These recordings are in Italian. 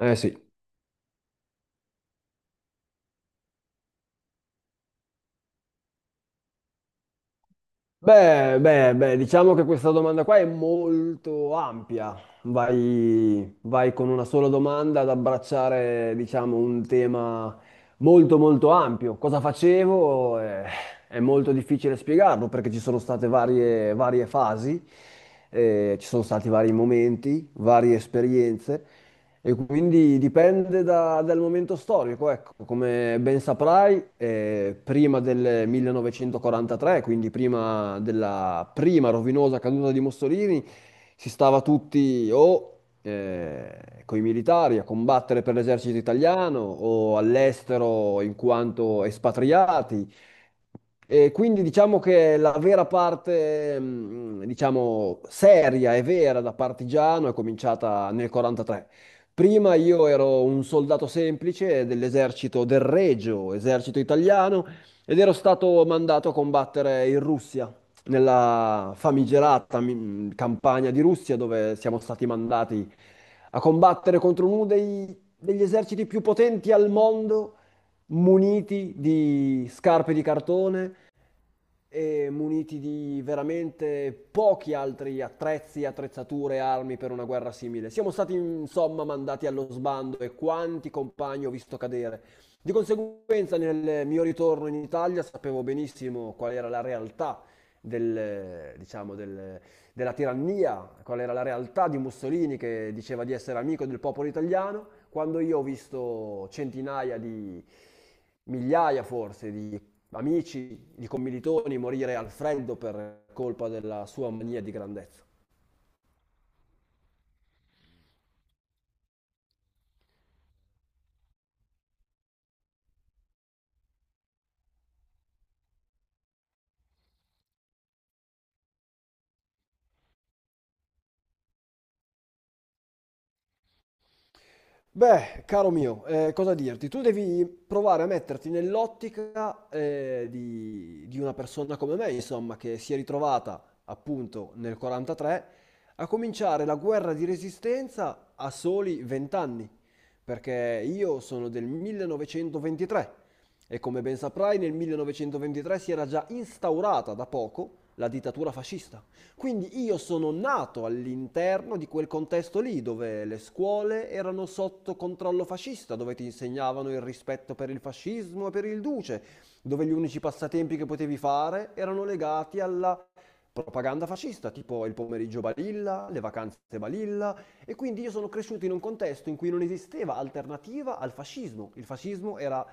Eh sì. Beh, diciamo che questa domanda qua è molto ampia. Vai con una sola domanda ad abbracciare, diciamo, un tema molto molto ampio. Cosa facevo? È molto difficile spiegarlo perché ci sono state varie fasi, ci sono stati vari momenti, varie esperienze. E quindi dipende dal momento storico, ecco. Come ben saprai, prima del 1943, quindi prima della prima rovinosa caduta di Mussolini, si stava tutti o coi militari a combattere per l'esercito italiano o all'estero in quanto espatriati. E quindi diciamo che la vera parte, diciamo, seria e vera da partigiano è cominciata nel 43. Prima io ero un soldato semplice dell'esercito del Regio, esercito italiano, ed ero stato mandato a combattere in Russia, nella famigerata campagna di Russia, dove siamo stati mandati a combattere contro uno degli eserciti più potenti al mondo muniti di scarpe di cartone, e muniti di veramente pochi altri attrezzi, attrezzature, armi per una guerra simile. Siamo stati insomma mandati allo sbando e quanti compagni ho visto cadere. Di conseguenza, nel mio ritorno in Italia sapevo benissimo qual era la realtà del, diciamo, della tirannia, qual era la realtà di Mussolini che diceva di essere amico del popolo italiano, quando io ho visto centinaia di migliaia forse di amici di commilitoni morire al freddo per colpa della sua mania di grandezza. Beh, caro mio, cosa dirti? Tu devi provare a metterti nell'ottica di una persona come me, insomma, che si è ritrovata appunto nel 43 a cominciare la guerra di resistenza a soli 20 anni, perché io sono del 1923 e come ben saprai nel 1923 si era già instaurata da poco la dittatura fascista. Quindi io sono nato all'interno di quel contesto lì, dove le scuole erano sotto controllo fascista, dove ti insegnavano il rispetto per il fascismo e per il duce, dove gli unici passatempi che potevi fare erano legati alla propaganda fascista, tipo il pomeriggio balilla, le vacanze balilla, e quindi io sono cresciuto in un contesto in cui non esisteva alternativa al fascismo. Il fascismo era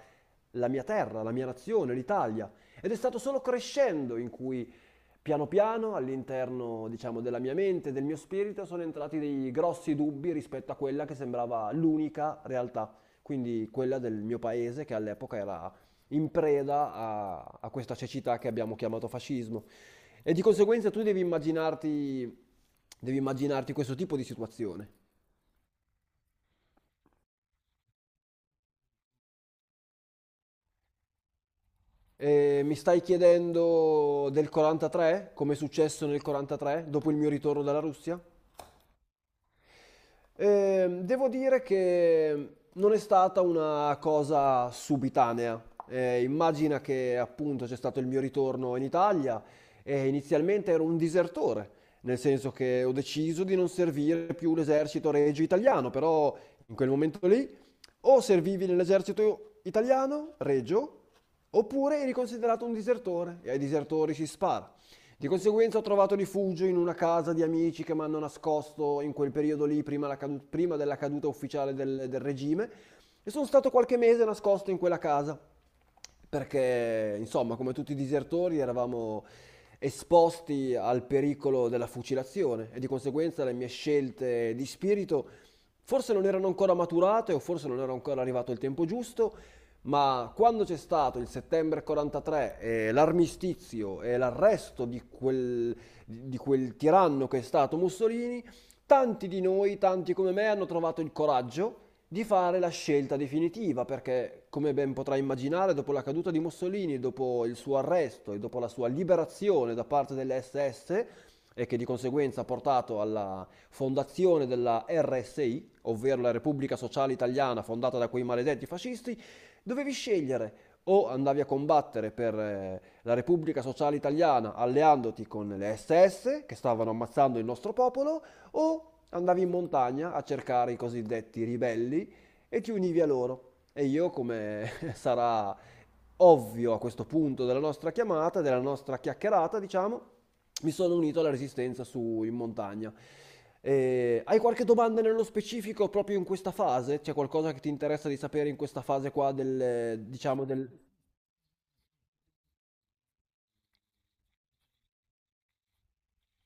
la mia terra, la mia nazione, l'Italia. Ed è stato solo crescendo in cui piano piano, all'interno, diciamo, della mia mente, del mio spirito, sono entrati dei grossi dubbi rispetto a quella che sembrava l'unica realtà, quindi quella del mio paese che all'epoca era in preda a, a questa cecità che abbiamo chiamato fascismo. E di conseguenza tu devi immaginarti questo tipo di situazione. E mi stai chiedendo del 43, come è successo nel 43, dopo il mio ritorno dalla Russia? Devo dire che non è stata una cosa subitanea. Immagina che appunto c'è stato il mio ritorno in Italia e inizialmente ero un disertore, nel senso che ho deciso di non servire più l'esercito regio italiano, però in quel momento lì o servivi nell'esercito italiano, regio, oppure eri considerato un disertore e ai disertori si spara. Di conseguenza ho trovato rifugio in una casa di amici che mi hanno nascosto in quel periodo lì, prima, prima della caduta ufficiale del, del regime, e sono stato qualche mese nascosto in quella casa perché insomma, come tutti i disertori, eravamo esposti al pericolo della fucilazione e di conseguenza le mie scelte di spirito forse non erano ancora maturate o forse non era ancora arrivato il tempo giusto, ma quando c'è stato il settembre 43 e l'armistizio e l'arresto di quel tiranno che è stato Mussolini, tanti di noi, tanti come me, hanno trovato il coraggio di fare la scelta definitiva, perché come ben potrai immaginare, dopo la caduta di Mussolini, dopo il suo arresto e dopo la sua liberazione da parte delle SS, e che di conseguenza ha portato alla fondazione della RSI, ovvero la Repubblica Sociale Italiana fondata da quei maledetti fascisti, dovevi scegliere o andavi a combattere per la Repubblica Sociale Italiana alleandoti con le SS che stavano ammazzando il nostro popolo, o andavi in montagna a cercare i cosiddetti ribelli e ti univi a loro. E io, come sarà ovvio a questo punto della nostra chiamata, della nostra chiacchierata, diciamo, mi sono unito alla resistenza su in montagna. Hai qualche domanda nello specifico proprio in questa fase? C'è qualcosa che ti interessa di sapere in questa fase qua del, diciamo, del...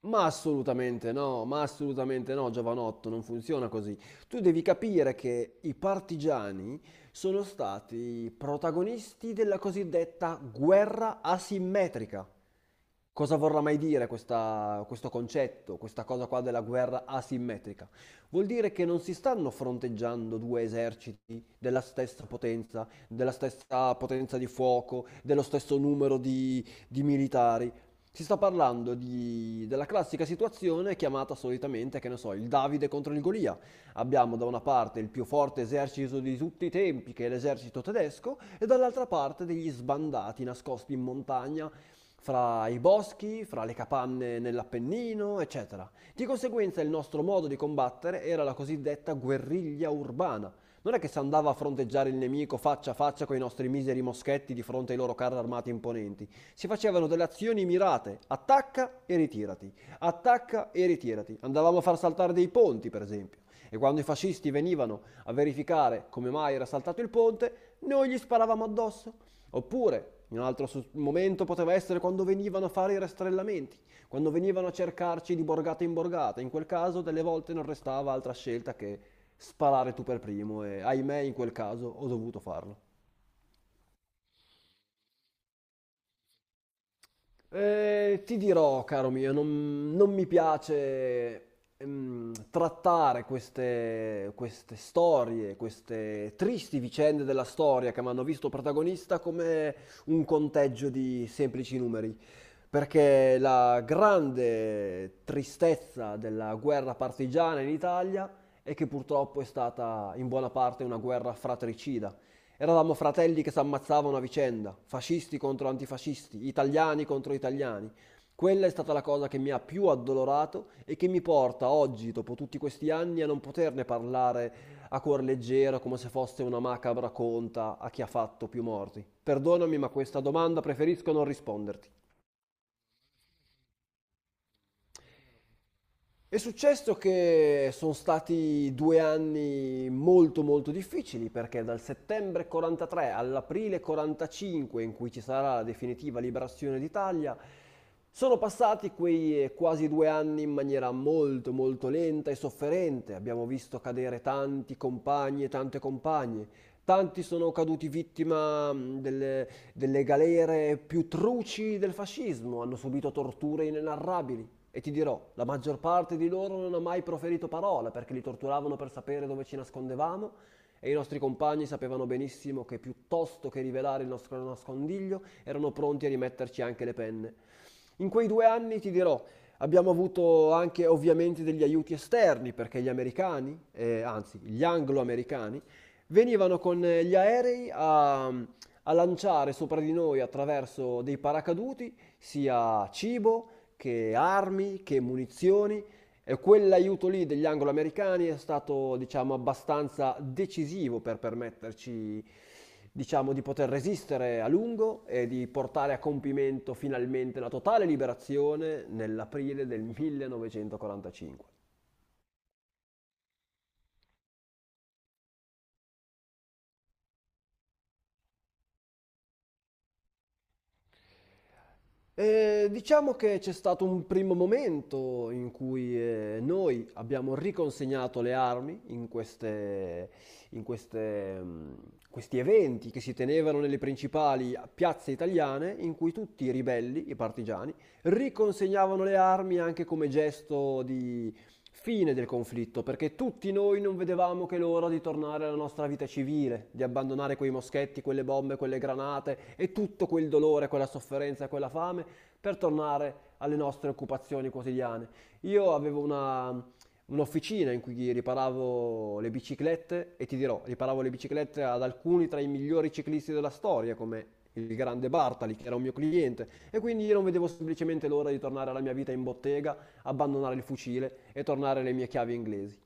Ma assolutamente no, giovanotto, non funziona così. Tu devi capire che i partigiani sono stati protagonisti della cosiddetta guerra asimmetrica. Cosa vorrà mai dire questo concetto, questa cosa qua della guerra asimmetrica? Vuol dire che non si stanno fronteggiando due eserciti della stessa potenza di fuoco, dello stesso numero di militari. Si sta parlando della classica situazione chiamata solitamente, che ne so, il Davide contro il Golia. Abbiamo da una parte il più forte esercito di tutti i tempi, che è l'esercito tedesco, e dall'altra parte degli sbandati nascosti in montagna, fra i boschi, fra le capanne nell'Appennino, eccetera. Di conseguenza il nostro modo di combattere era la cosiddetta guerriglia urbana. Non è che si andava a fronteggiare il nemico faccia a faccia con i nostri miseri moschetti di fronte ai loro carri armati imponenti. Si facevano delle azioni mirate, attacca e ritirati, attacca e ritirati. Andavamo a far saltare dei ponti, per esempio. E quando i fascisti venivano a verificare come mai era saltato il ponte, noi gli sparavamo addosso. Oppure, in un altro momento poteva essere quando venivano a fare i rastrellamenti, quando venivano a cercarci di borgata in borgata. In quel caso, delle volte non restava altra scelta che sparare tu per primo e ahimè in quel caso ho dovuto farlo. Ti dirò, caro mio, non mi piace trattare queste storie, queste tristi vicende della storia che mi hanno visto protagonista come un conteggio di semplici numeri, perché la grande tristezza della guerra partigiana in Italia è che purtroppo è stata in buona parte una guerra fratricida. Eravamo fratelli che si ammazzavano a vicenda, fascisti contro antifascisti, italiani contro italiani. Quella è stata la cosa che mi ha più addolorato e che mi porta oggi, dopo tutti questi anni, a non poterne parlare a cuor leggero come se fosse una macabra conta a chi ha fatto più morti. Perdonami, ma questa domanda preferisco non risponderti. È successo che sono stati due anni molto molto difficili perché dal settembre 43 all'aprile 45 in cui ci sarà la definitiva liberazione d'Italia sono passati quei quasi due anni in maniera molto molto lenta e sofferente. Abbiamo visto cadere tanti compagni e tante compagne. Tanti sono caduti vittima delle galere più truci del fascismo, hanno subito torture inenarrabili. E ti dirò, la maggior parte di loro non ha mai proferito parola perché li torturavano per sapere dove ci nascondevamo e i nostri compagni sapevano benissimo che piuttosto che rivelare il nostro nascondiglio erano pronti a rimetterci anche le penne. In quei due anni, ti dirò, abbiamo avuto anche ovviamente degli aiuti esterni perché gli americani, anzi gli anglo-americani, venivano con gli aerei a lanciare sopra di noi attraverso dei paracaduti sia cibo che armi che munizioni e quell'aiuto lì degli angloamericani è stato, diciamo, abbastanza decisivo per permetterci, diciamo, di poter resistere a lungo e di portare a compimento finalmente la totale liberazione nell'aprile del 1945. Diciamo che c'è stato un primo momento in cui noi abbiamo riconsegnato le armi in in queste, mm, questi eventi che si tenevano nelle principali piazze italiane, in cui tutti i ribelli, i partigiani, riconsegnavano le armi anche come gesto fine del conflitto, perché tutti noi non vedevamo che l'ora di tornare alla nostra vita civile, di abbandonare quei moschetti, quelle bombe, quelle granate e tutto quel dolore, quella sofferenza e quella fame per tornare alle nostre occupazioni quotidiane. Io avevo un'officina in cui riparavo le biciclette e ti dirò, riparavo le biciclette ad alcuni tra i migliori ciclisti della storia, come il grande Bartali, che era un mio cliente, e quindi io non vedevo semplicemente l'ora di tornare alla mia vita in bottega abbandonare il fucile e tornare alle mie chiavi inglesi.